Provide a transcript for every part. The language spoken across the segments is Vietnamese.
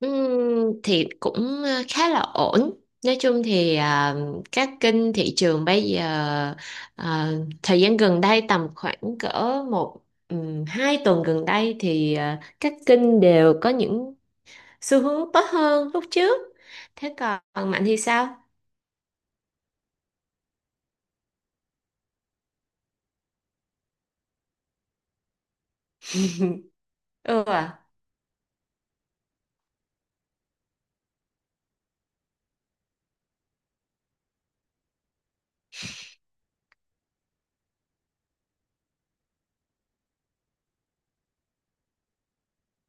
Thì cũng khá là ổn. Nói chung thì các kênh thị trường bây giờ à, thời gian gần đây tầm khoảng cỡ một hai tuần gần đây thì các kênh đều có những xu hướng tốt hơn lúc trước. Thế còn Mạnh thì sao? Ừ, à,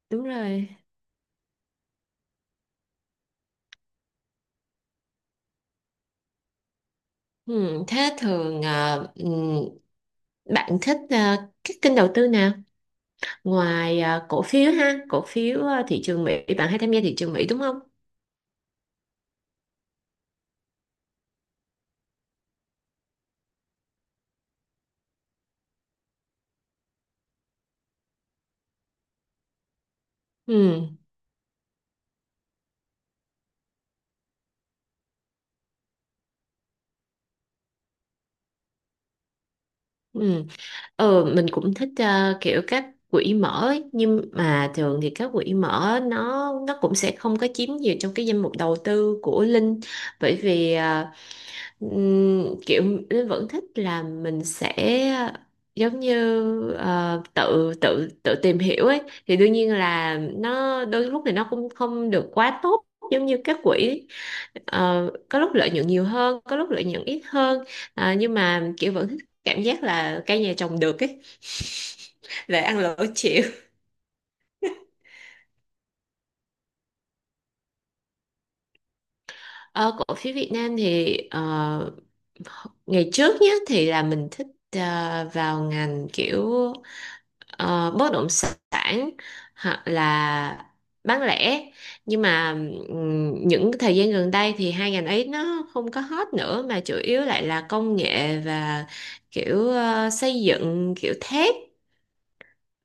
đúng rồi. Thế thường bạn thích các kênh đầu tư nào? Ngoài cổ phiếu ha, cổ phiếu thị trường Mỹ, bạn hay tham gia thị trường Mỹ đúng không? Ừ, ừ. Ờ, mình cũng thích kiểu các quỹ mở ấy. Nhưng mà thường thì các quỹ mở nó cũng sẽ không có chiếm nhiều trong cái danh mục đầu tư của Linh, bởi vì kiểu Linh vẫn thích là mình sẽ giống như ờ, tự tự tự tìm hiểu ấy, thì đương nhiên là nó đôi lúc thì nó cũng không được quá tốt giống như các quỹ. Ờ, có lúc lợi nhuận nhiều hơn có lúc lợi nhuận ít hơn. Ờ, nhưng mà kiểu vẫn thích cảm giác là cây nhà trồng được ấy lại ăn lỗ chịu. Ờ, cổ phiếu Việt Nam thì ngày trước nhé thì là mình thích vào ngành kiểu ờ, bất động sản hoặc là bán lẻ, nhưng mà những cái thời gian gần đây thì hai ngành ấy nó không có hot nữa mà chủ yếu lại là công nghệ và kiểu xây dựng kiểu thép.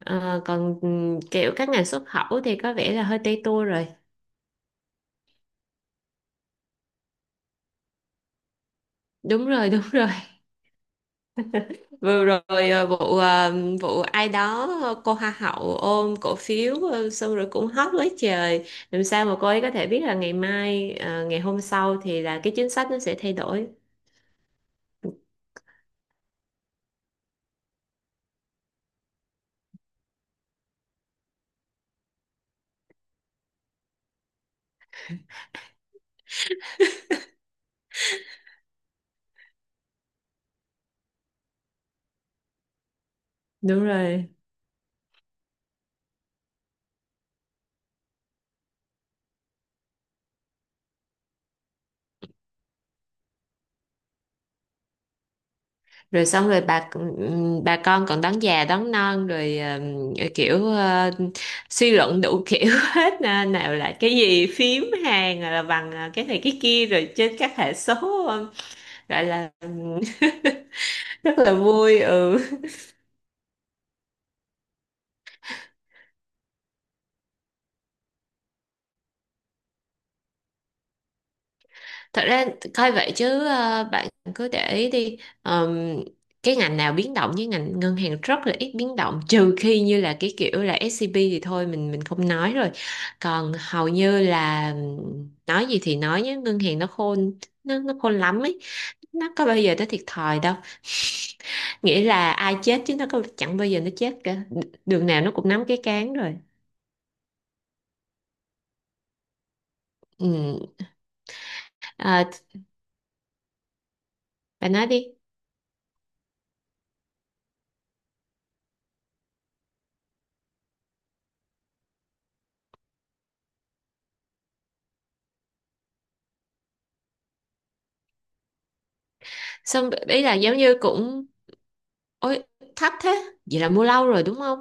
Ờ, còn kiểu các ngành xuất khẩu thì có vẻ là hơi tây tua rồi. Đúng rồi, đúng rồi, vừa rồi vụ ai đó cô hoa hậu ôm cổ phiếu xong rồi cũng hot quá trời. Làm sao mà cô ấy có thể biết là ngày mai ngày hôm sau thì là cái chính sách nó sẽ thay đổi. Đúng rồi. Rồi xong rồi bà con còn đón già đón non rồi suy luận đủ kiểu hết nè, nào là cái gì phím hàng là bằng cái này cái kia rồi trên các hệ số gọi là rất là vui, ừ. Thật ra coi vậy chứ bạn cứ để ý đi. Cái ngành nào biến động, với ngành ngân hàng rất là ít biến động, trừ khi như là cái kiểu là SCB thì thôi mình không nói rồi, còn hầu như là nói gì thì nói nhé, ngân hàng nó khôn, nó khôn lắm ấy, nó có bao giờ nó thiệt thòi đâu. Nghĩa là ai chết chứ nó có chẳng bao giờ nó chết cả, đường nào nó cũng nắm cái cán rồi. Ừ. à, bà nói đi. Xong ý là giống như cũng. Ôi, thấp thế. Vậy là mua lâu rồi đúng không?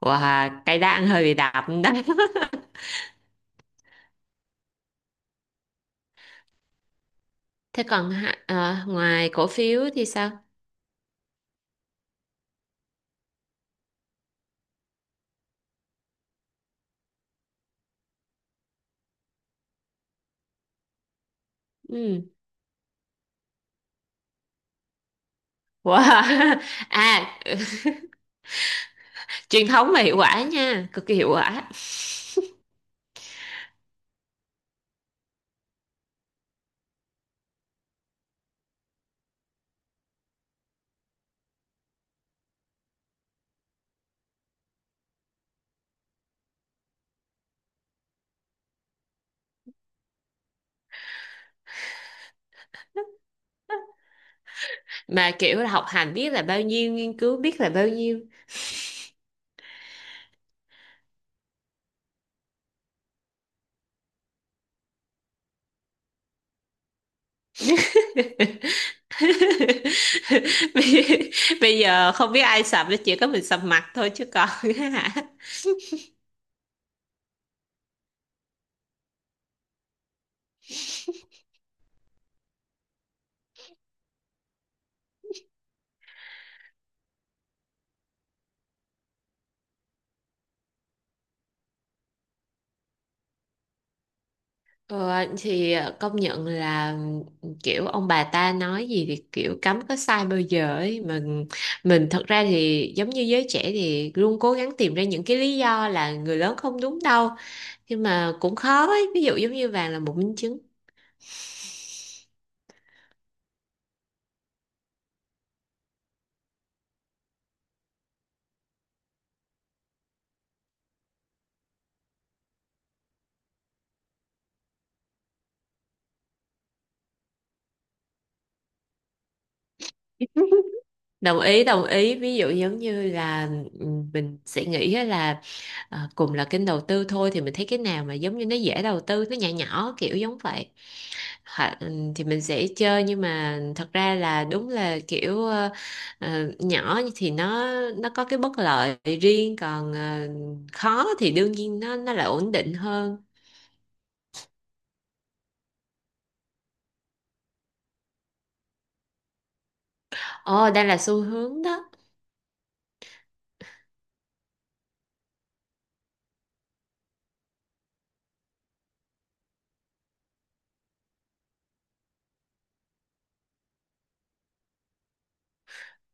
Wow, cây đa hơi bị đạp đó. À, ngoài cổ phiếu thì sao? Ừ. Wow. À, truyền thống mà hiệu quả nha, cực kỳ hiệu quả. Mà kiểu là học hành biết là bao nhiêu, nghiên cứu biết là bao nhiêu. Bây bây giờ không biết ai sập, chỉ có mình sập mặt thôi chứ còn. Ờ, thì công nhận là kiểu ông bà ta nói gì thì kiểu cấm có sai bao giờ ấy. Mình thật ra thì giống như giới trẻ thì luôn cố gắng tìm ra những cái lý do là người lớn không đúng đâu, nhưng mà cũng khó ấy, ví dụ giống như vàng là một minh chứng. Đồng ý, đồng ý, ví dụ giống như là ừ, mình sẽ nghĩ á là cùng là kênh đầu tư thôi thì mình thấy cái nào mà giống như nó dễ đầu tư nó nhỏ nhỏ kiểu giống vậy. Hả, ừ, thì mình sẽ chơi, nhưng mà thật ra là đúng là kiểu nhỏ thì nó có cái bất lợi riêng, còn khó thì đương nhiên nó lại ổn định hơn. Ồ đây là xu hướng đó.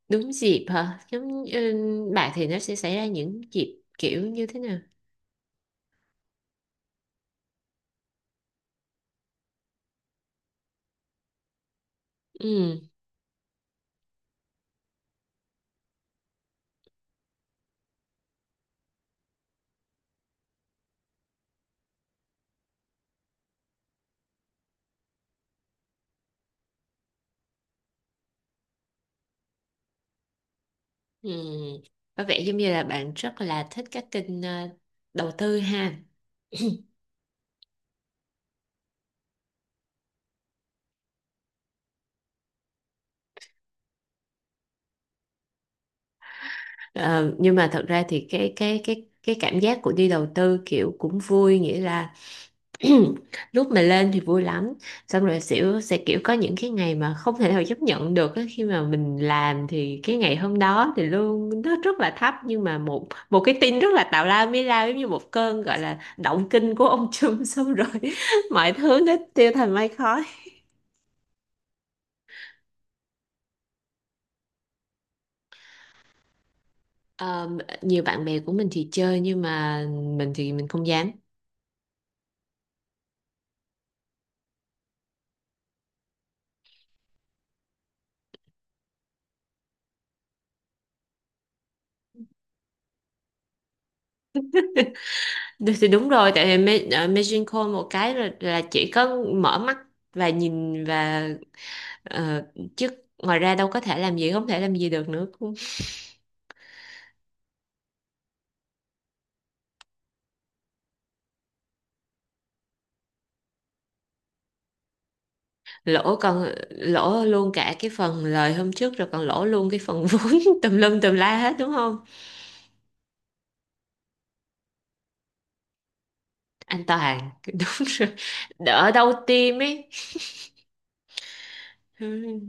Đúng dịp hả? Giống ừ, bạn thì nó sẽ xảy ra những dịp kiểu như thế nào? Ừ, ừ. Có vẻ giống như là bạn rất là thích các kênh đầu tư ha. Ờ, nhưng mà thật ra thì cái cảm giác của đi đầu tư kiểu cũng vui, nghĩa là lúc mà lên thì vui lắm, xong rồi xỉu sẽ kiểu có những cái ngày mà không thể nào chấp nhận được á. Khi mà mình làm thì cái ngày hôm đó thì lương nó rất là thấp, nhưng mà một một cái tin rất là tào lao mới lao giống như một cơn gọi là động kinh của ông Trump, xong rồi mọi thứ nó tiêu thành mây khói. Ờ, nhiều bạn bè của mình thì chơi, nhưng mà mình thì mình không dám. Thì đúng rồi, tại vì Magic Call một cái là chỉ có mở mắt và nhìn và. Ờ, chứ ngoài ra đâu có thể làm gì, không thể làm gì được nữa. Lỗ, còn lỗ luôn cả cái phần lời hôm trước rồi còn lỗ luôn cái phần vốn tùm lum tùm la hết đúng không, anh Toàn. Đúng rồi, đỡ đau tim ấy. Ừ.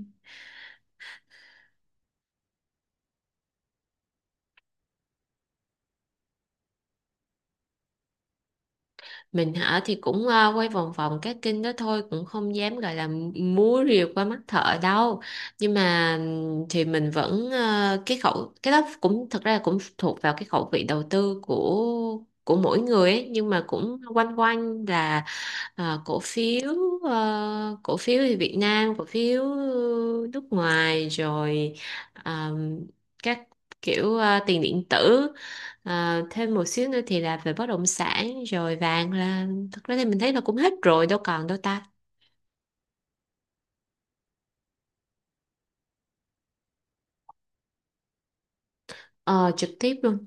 Mình hả thì cũng quay vòng vòng các kênh đó thôi, cũng không dám gọi là múa rìu qua mắt thợ đâu, nhưng mà thì mình vẫn cái khẩu cái đó cũng thật ra là cũng thuộc vào cái khẩu vị đầu tư của mỗi người ấy, nhưng mà cũng quanh quanh là Ờ, cổ phiếu cổ phiếu thì Việt Nam, cổ phiếu nước ngoài rồi, ờm, các tiền điện tử. Ờ, thêm một xíu nữa thì là về bất động sản rồi vàng là thật ra thì mình thấy là cũng hết rồi đâu còn đâu ta. Ờ, trực tiếp luôn.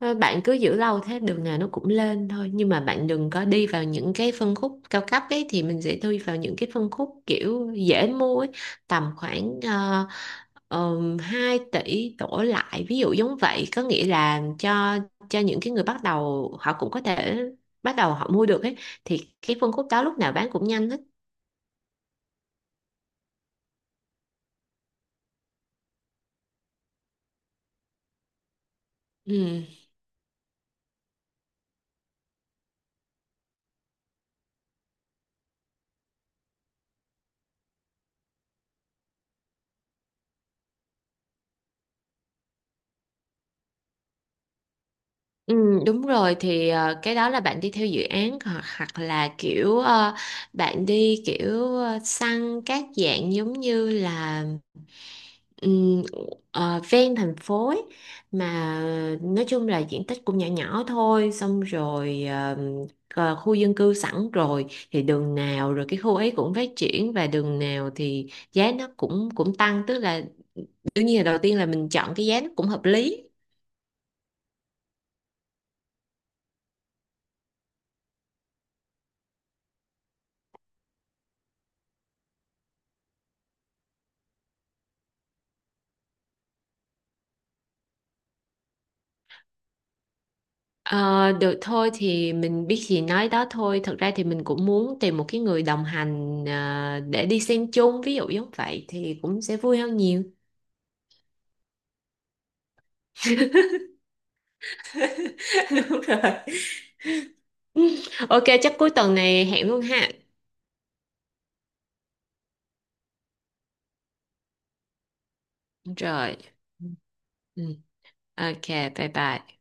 Thôi, bạn cứ giữ lâu thế đường nào nó cũng lên thôi, nhưng mà bạn đừng có đi vào những cái phân khúc cao cấp ấy, thì mình sẽ đi vào những cái phân khúc kiểu dễ mua ấy, tầm khoảng 2 tỷ đổ lại, ví dụ giống vậy, có nghĩa là cho những cái người bắt đầu họ cũng có thể bắt đầu họ mua được ấy, thì cái phân khúc đó lúc nào bán cũng nhanh hết. Ừ. Ừ, đúng rồi thì cái đó là bạn đi theo dự án hoặc, hoặc là kiểu bạn đi kiểu săn các dạng giống như là ừm, ven thành phố ấy. Mà nói chung là diện tích cũng nhỏ nhỏ thôi, xong rồi khu dân cư sẵn rồi thì đường nào rồi cái khu ấy cũng phát triển và đường nào thì giá nó cũng cũng tăng, tức là đương nhiên là đầu tiên là mình chọn cái giá nó cũng hợp lý. Ờ, được thôi thì mình biết gì nói đó thôi. Thật ra thì mình cũng muốn tìm một cái người đồng hành để đi xem chung, ví dụ giống vậy thì cũng sẽ vui hơn nhiều. Đúng rồi. Ok, chắc cuối tuần này hẹn luôn ha. Rồi. Ừ. Ừ. Ok, bye bye.